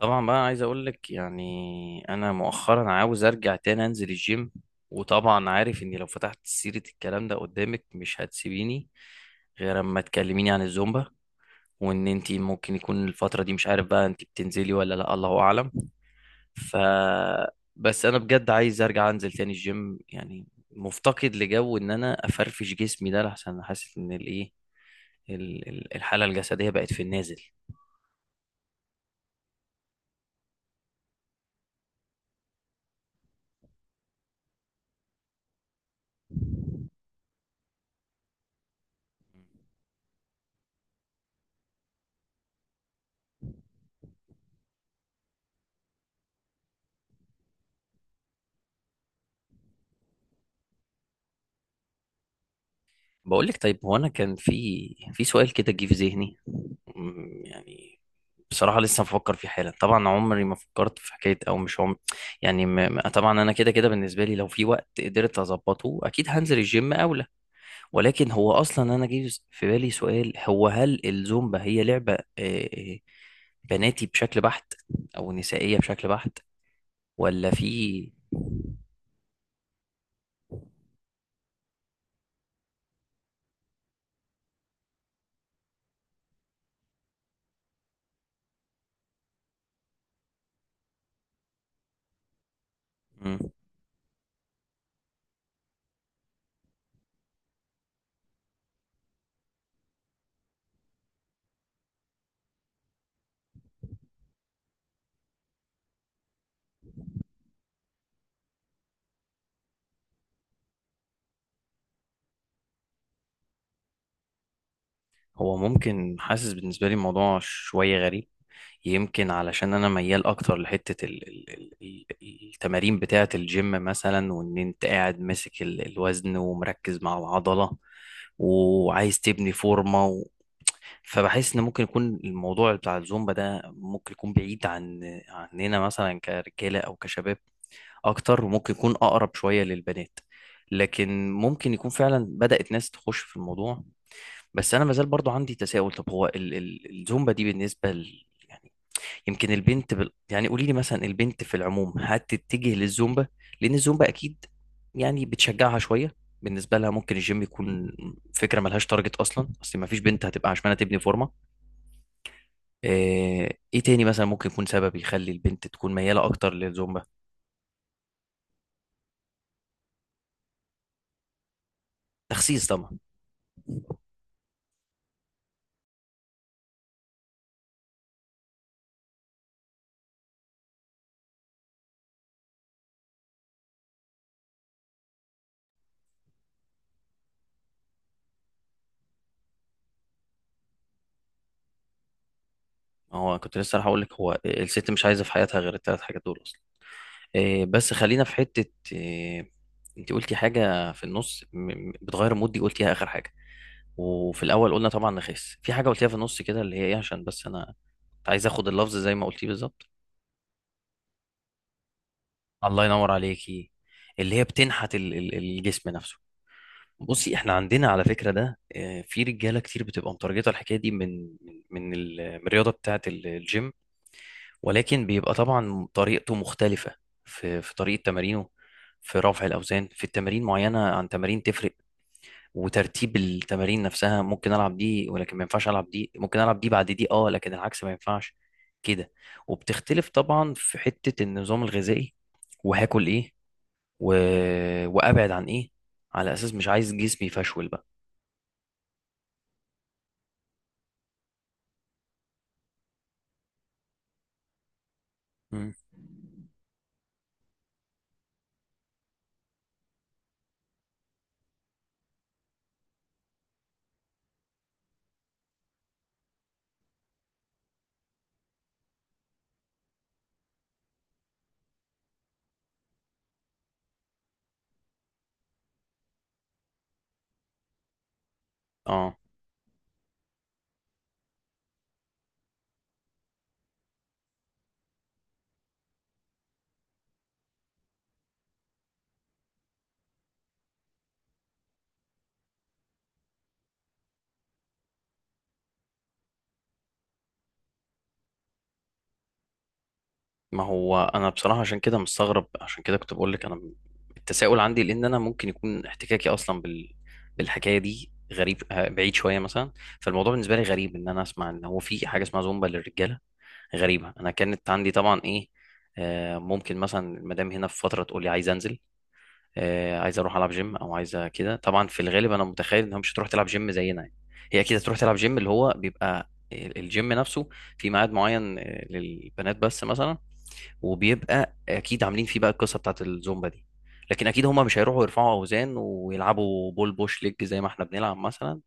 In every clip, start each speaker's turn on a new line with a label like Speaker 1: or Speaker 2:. Speaker 1: طبعا بقى، عايز اقول لك يعني انا مؤخرا عاوز ارجع تاني انزل الجيم. وطبعا عارف اني لو فتحت سيرة الكلام ده قدامك مش هتسيبيني غير اما تكلميني عن الزومبا، وان انتي ممكن يكون الفترة دي مش عارف بقى انتي بتنزلي ولا لا، الله اعلم. ف بس انا بجد عايز ارجع انزل تاني الجيم، يعني مفتقد لجو ان انا افرفش جسمي ده، لحسن حاسس ان الايه، الحالة الجسدية بقت في النازل. بقول لك طيب، هو انا كان في سؤال كده جه في ذهني. يعني بصراحة لسه بفكر فيه حالا. طبعا عمري ما فكرت في حكاية، او مش عمري، يعني طبعا انا كده كده بالنسبة لي لو في وقت قدرت اظبطه اكيد هنزل الجيم اولى. ولكن هو اصلا، انا جه في بالي سؤال، هو هل الزومبا هي لعبة بناتي بشكل بحت، او نسائية بشكل بحت، ولا في. مم. هو ممكن، حاسس بالنسبة لي الموضوع شوية غريب. يمكن علشان انا ميال اكتر لحته التمارين بتاعه الجيم مثلا، وان انت قاعد ماسك الوزن ومركز مع العضله، وعايز تبني فورمه فبحس ان ممكن يكون الموضوع بتاع الزومبا ده ممكن يكون بعيد عننا مثلا كرجاله او كشباب اكتر، وممكن يكون اقرب شويه للبنات. لكن ممكن يكون فعلا بدأت ناس تخش في الموضوع. بس انا مازال برضو عندي تساؤل، طب هو الزومبا دي بالنسبه يعني يمكن البنت يعني قولي لي مثلا، البنت في العموم هتتجه للزومبا، لان الزومبا اكيد يعني بتشجعها شويه. بالنسبه لها ممكن الجيم يكون فكره ملهاش تارجت اصلا، اصل ما فيش بنت هتبقى عشمانه تبني فورمه. ايه تاني مثلا ممكن يكون سبب يخلي البنت تكون مياله اكتر للزومبا؟ تخسيس طبعا. هو كنت لسه راح اقول لك، هو الست مش عايزه في حياتها غير الثلاث حاجات دول اصلا. آه، بس خلينا في حته. آه، انت قلتي حاجه في النص، بتغير مودي، قلتيها اخر حاجه. وفي الاول قلنا طبعا نخس، في حاجه قلتيها في النص كده اللي هي ايه، عشان بس انا كنت عايز اخد اللفظ زي ما قلتيه بالظبط. الله ينور عليكي. اللي هي بتنحت الجسم نفسه. بصي، احنا عندنا على فكره ده، في رجاله كتير بتبقى مترجطه الحكايه دي من من الرياضه بتاعه الجيم. ولكن بيبقى طبعا طريقته مختلفه في طريقه تمارينه، في رفع الاوزان، في التمارين معينه عن تمارين تفرق. وترتيب التمارين نفسها، ممكن العب دي ولكن ما ينفعش العب دي، ممكن العب دي بعد دي، اه، لكن العكس ما ينفعش كده. وبتختلف طبعا في حتة النظام الغذائي، وهاكل ايه، و... وابعد عن ايه، على اساس مش عايز جسمي يفشول بقى. مم. اه. ما هو انا بصراحة عشان كده مستغرب، عشان كده كنت بقول لك انا التساؤل عندي، لان انا ممكن يكون احتكاكي اصلا بالحكاية دي غريب، بعيد شوية مثلا. فالموضوع بالنسبة لي غريب، ان انا اسمع ان هو في حاجة اسمها زومبا للرجالة. غريبة، أنا كانت عندي طبعا إيه، ممكن مثلا المدام هنا في فترة تقول لي عايز أنزل، عايز أروح ألعب جيم أو عايزة كده. طبعا في الغالب أنا متخيل إنها مش هتروح تلعب جيم زينا يعني. هي أكيد هتروح تلعب جيم اللي هو بيبقى الجيم نفسه، في ميعاد معين للبنات بس مثلا. وبيبقى أكيد عاملين فيه بقى القصة بتاعت الزومبا دي. لكن أكيد هما مش هيروحوا يرفعوا أوزان ويلعبوا بول بوش ليج زي ما إحنا بنلعب مثلا،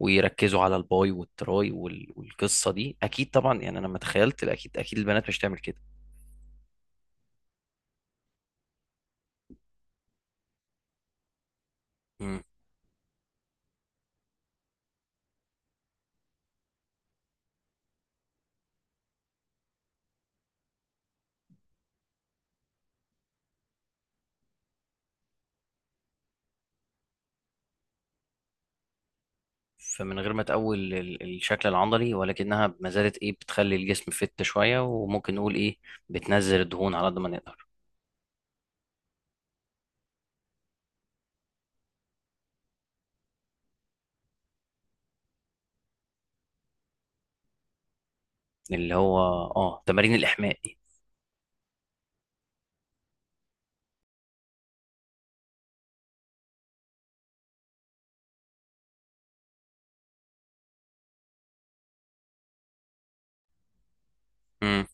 Speaker 1: ويركزوا على الباي والتراي والقصه دي اكيد طبعا. يعني انا لما تخيلت، اكيد اكيد البنات مش تعمل كده. مم. فمن غير ما تقول الشكل العضلي، ولكنها ما زالت ايه، بتخلي الجسم فت شويه، وممكن نقول ايه، بتنزل الدهون على قد ما نقدر. اللي هو، اه، تمارين الاحماء دي. مم.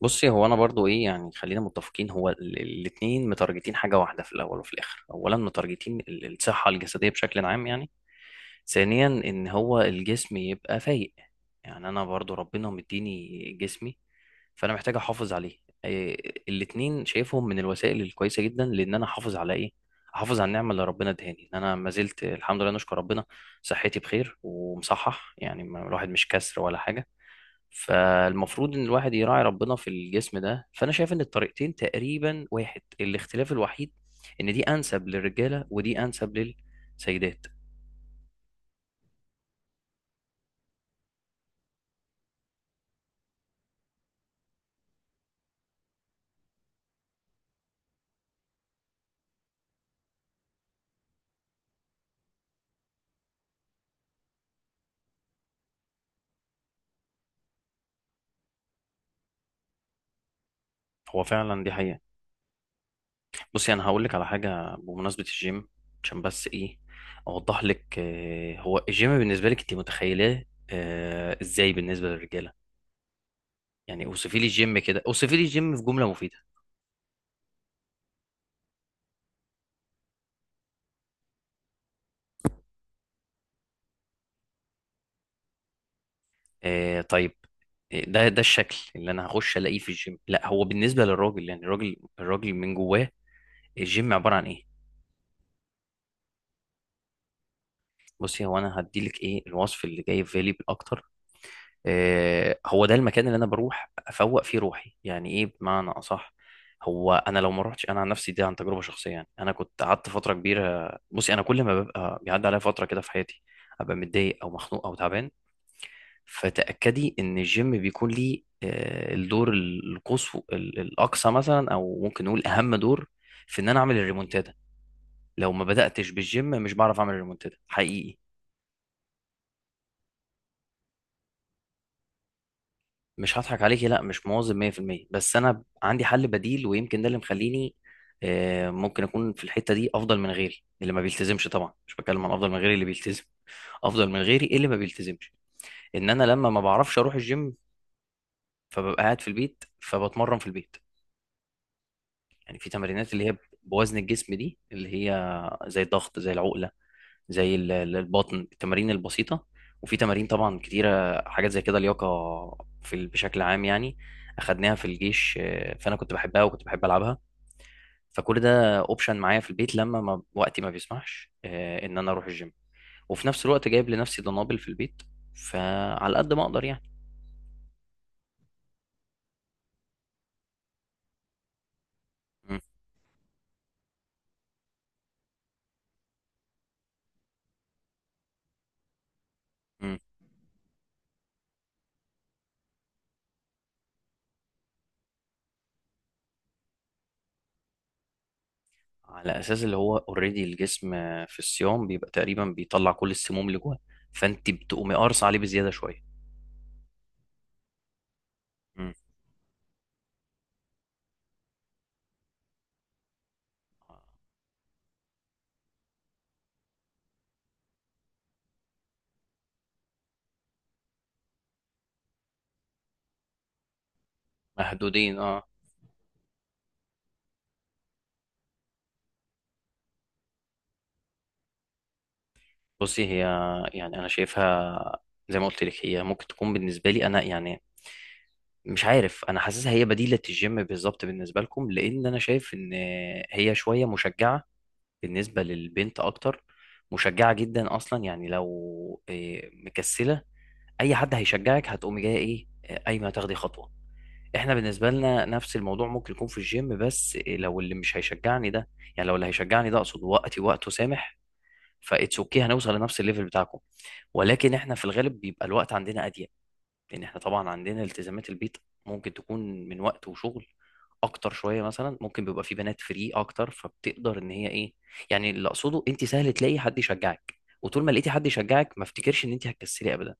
Speaker 1: بصي، هو انا برضو ايه، يعني خلينا متفقين، هو الاثنين متارجتين حاجه واحده في الاول وفي الاخر. اولا، متارجتين الصحه الجسديه بشكل عام يعني. ثانيا، ان هو الجسم يبقى فايق، يعني انا برضو ربنا مديني جسمي، فانا محتاج احافظ عليه. إيه، الاتنين شايفهم من الوسائل الكويسه جدا، لان انا احافظ على ايه، احافظ على النعمه اللي ربنا ادهاني، ان انا ما زلت الحمد لله نشكر ربنا، صحتي بخير ومصحح، يعني الواحد مش كسر ولا حاجه. فالمفروض ان الواحد يراعي ربنا في الجسم ده. فانا شايف ان الطريقتين تقريبا واحد، الاختلاف الوحيد ان دي انسب للرجاله ودي انسب للسيدات. هو فعلا دي حقيقه. بصي انا هقول لك على حاجه بمناسبه الجيم، عشان بس ايه، اوضح لك. هو الجيم بالنسبه لك انت متخيلاه ازاي بالنسبه للرجاله؟ يعني اوصفي لي الجيم كده، اوصفي لي الجيم في جمله مفيده. آه، طيب. ده الشكل اللي انا هخش الاقيه في الجيم؟ لا، هو بالنسبه للراجل، يعني الراجل الراجل من جواه، الجيم عباره عن ايه؟ بصي، هو انا هدي لك ايه الوصف اللي جاي في بالي بالاكتر. هو ده المكان اللي انا بروح افوق فيه روحي، يعني ايه بمعنى اصح. هو انا لو ما روحتش، انا عن نفسي دي عن تجربه شخصيه، يعني انا كنت قعدت فتره كبيره. بصي انا كل ما ببقى بيعدي عليا فتره كده في حياتي ابقى متضايق او مخنوق او تعبان، فتاكدي ان الجيم بيكون ليه الدور الاقصى مثلا، او ممكن نقول اهم دور، في ان انا اعمل الريمونتادا. لو ما بداتش بالجيم مش بعرف اعمل الريمونتادا حقيقي. مش هضحك عليكي، لا مش مواظب 100%. بس انا عندي حل بديل، ويمكن ده اللي مخليني، ممكن اكون في الحته دي افضل من غيري اللي ما بيلتزمش. طبعا مش بتكلم عن افضل من غيري اللي بيلتزم، افضل من غيري اللي ما بيلتزمش. ان انا لما ما بعرفش اروح الجيم فببقى قاعد في البيت فبتمرن في البيت. يعني في تمارينات اللي هي بوزن الجسم دي، اللي هي زي الضغط، زي العقله، زي البطن، التمارين البسيطة. وفي تمارين طبعا كتيرة، حاجات زي كده لياقة، في بشكل عام يعني، أخدناها في الجيش. فأنا كنت بحبها وكنت بحب ألعبها. فكل ده أوبشن معايا في البيت لما ما وقتي ما بيسمحش، إن أنا أروح الجيم. وفي نفس الوقت جايب لنفسي دنابل في البيت، فعلى قد ما أقدر يعني. م- م. على أساس اللي هو أوريدي الجسم، في الصيام بيبقى تقريبا بيطلع كل السموم اللي جواه، فأنت بتقومي قارص عليه بزيادة شوية. م. محدودين، اه. بصي هي، يعني انا شايفها زي ما قلت لك، هي ممكن تكون بالنسبه لي انا يعني، مش عارف، انا حاسسها هي بديله الجيم بالظبط بالنسبه لكم. لان انا شايف ان هي شويه مشجعه بالنسبه للبنت اكتر، مشجعه جدا اصلا يعني، لو إيه، مكسله، اي حد هيشجعك هتقومي جايه ايه، إيه، قايمه تاخدي خطوه. احنا بالنسبه لنا نفس الموضوع ممكن يكون في الجيم، بس إيه، لو اللي مش هيشجعني ده، يعني لو اللي هيشجعني ده اقصد وقته سامح، فاتس اوكي، هنوصل لنفس الليفل بتاعكم. ولكن احنا في الغالب بيبقى الوقت عندنا اضيق، لان احنا طبعا عندنا التزامات البيت، ممكن تكون من وقت وشغل اكتر شويه مثلا. ممكن بيبقى في بنات فري اكتر فبتقدر ان هي ايه، يعني اللي اقصده، انت سهل تلاقي حد يشجعك، وطول ما لقيتي حد يشجعك ما افتكرش ان انت هتكسلي ابدا.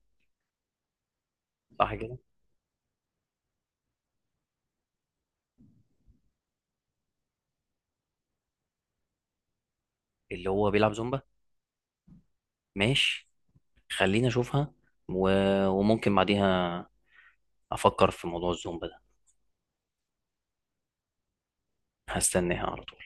Speaker 1: صح كده. اللي هو بيلعب زومبا؟ ماشي، خليني اشوفها. و... وممكن بعديها افكر في موضوع الزومبا ده. هستناها على طول.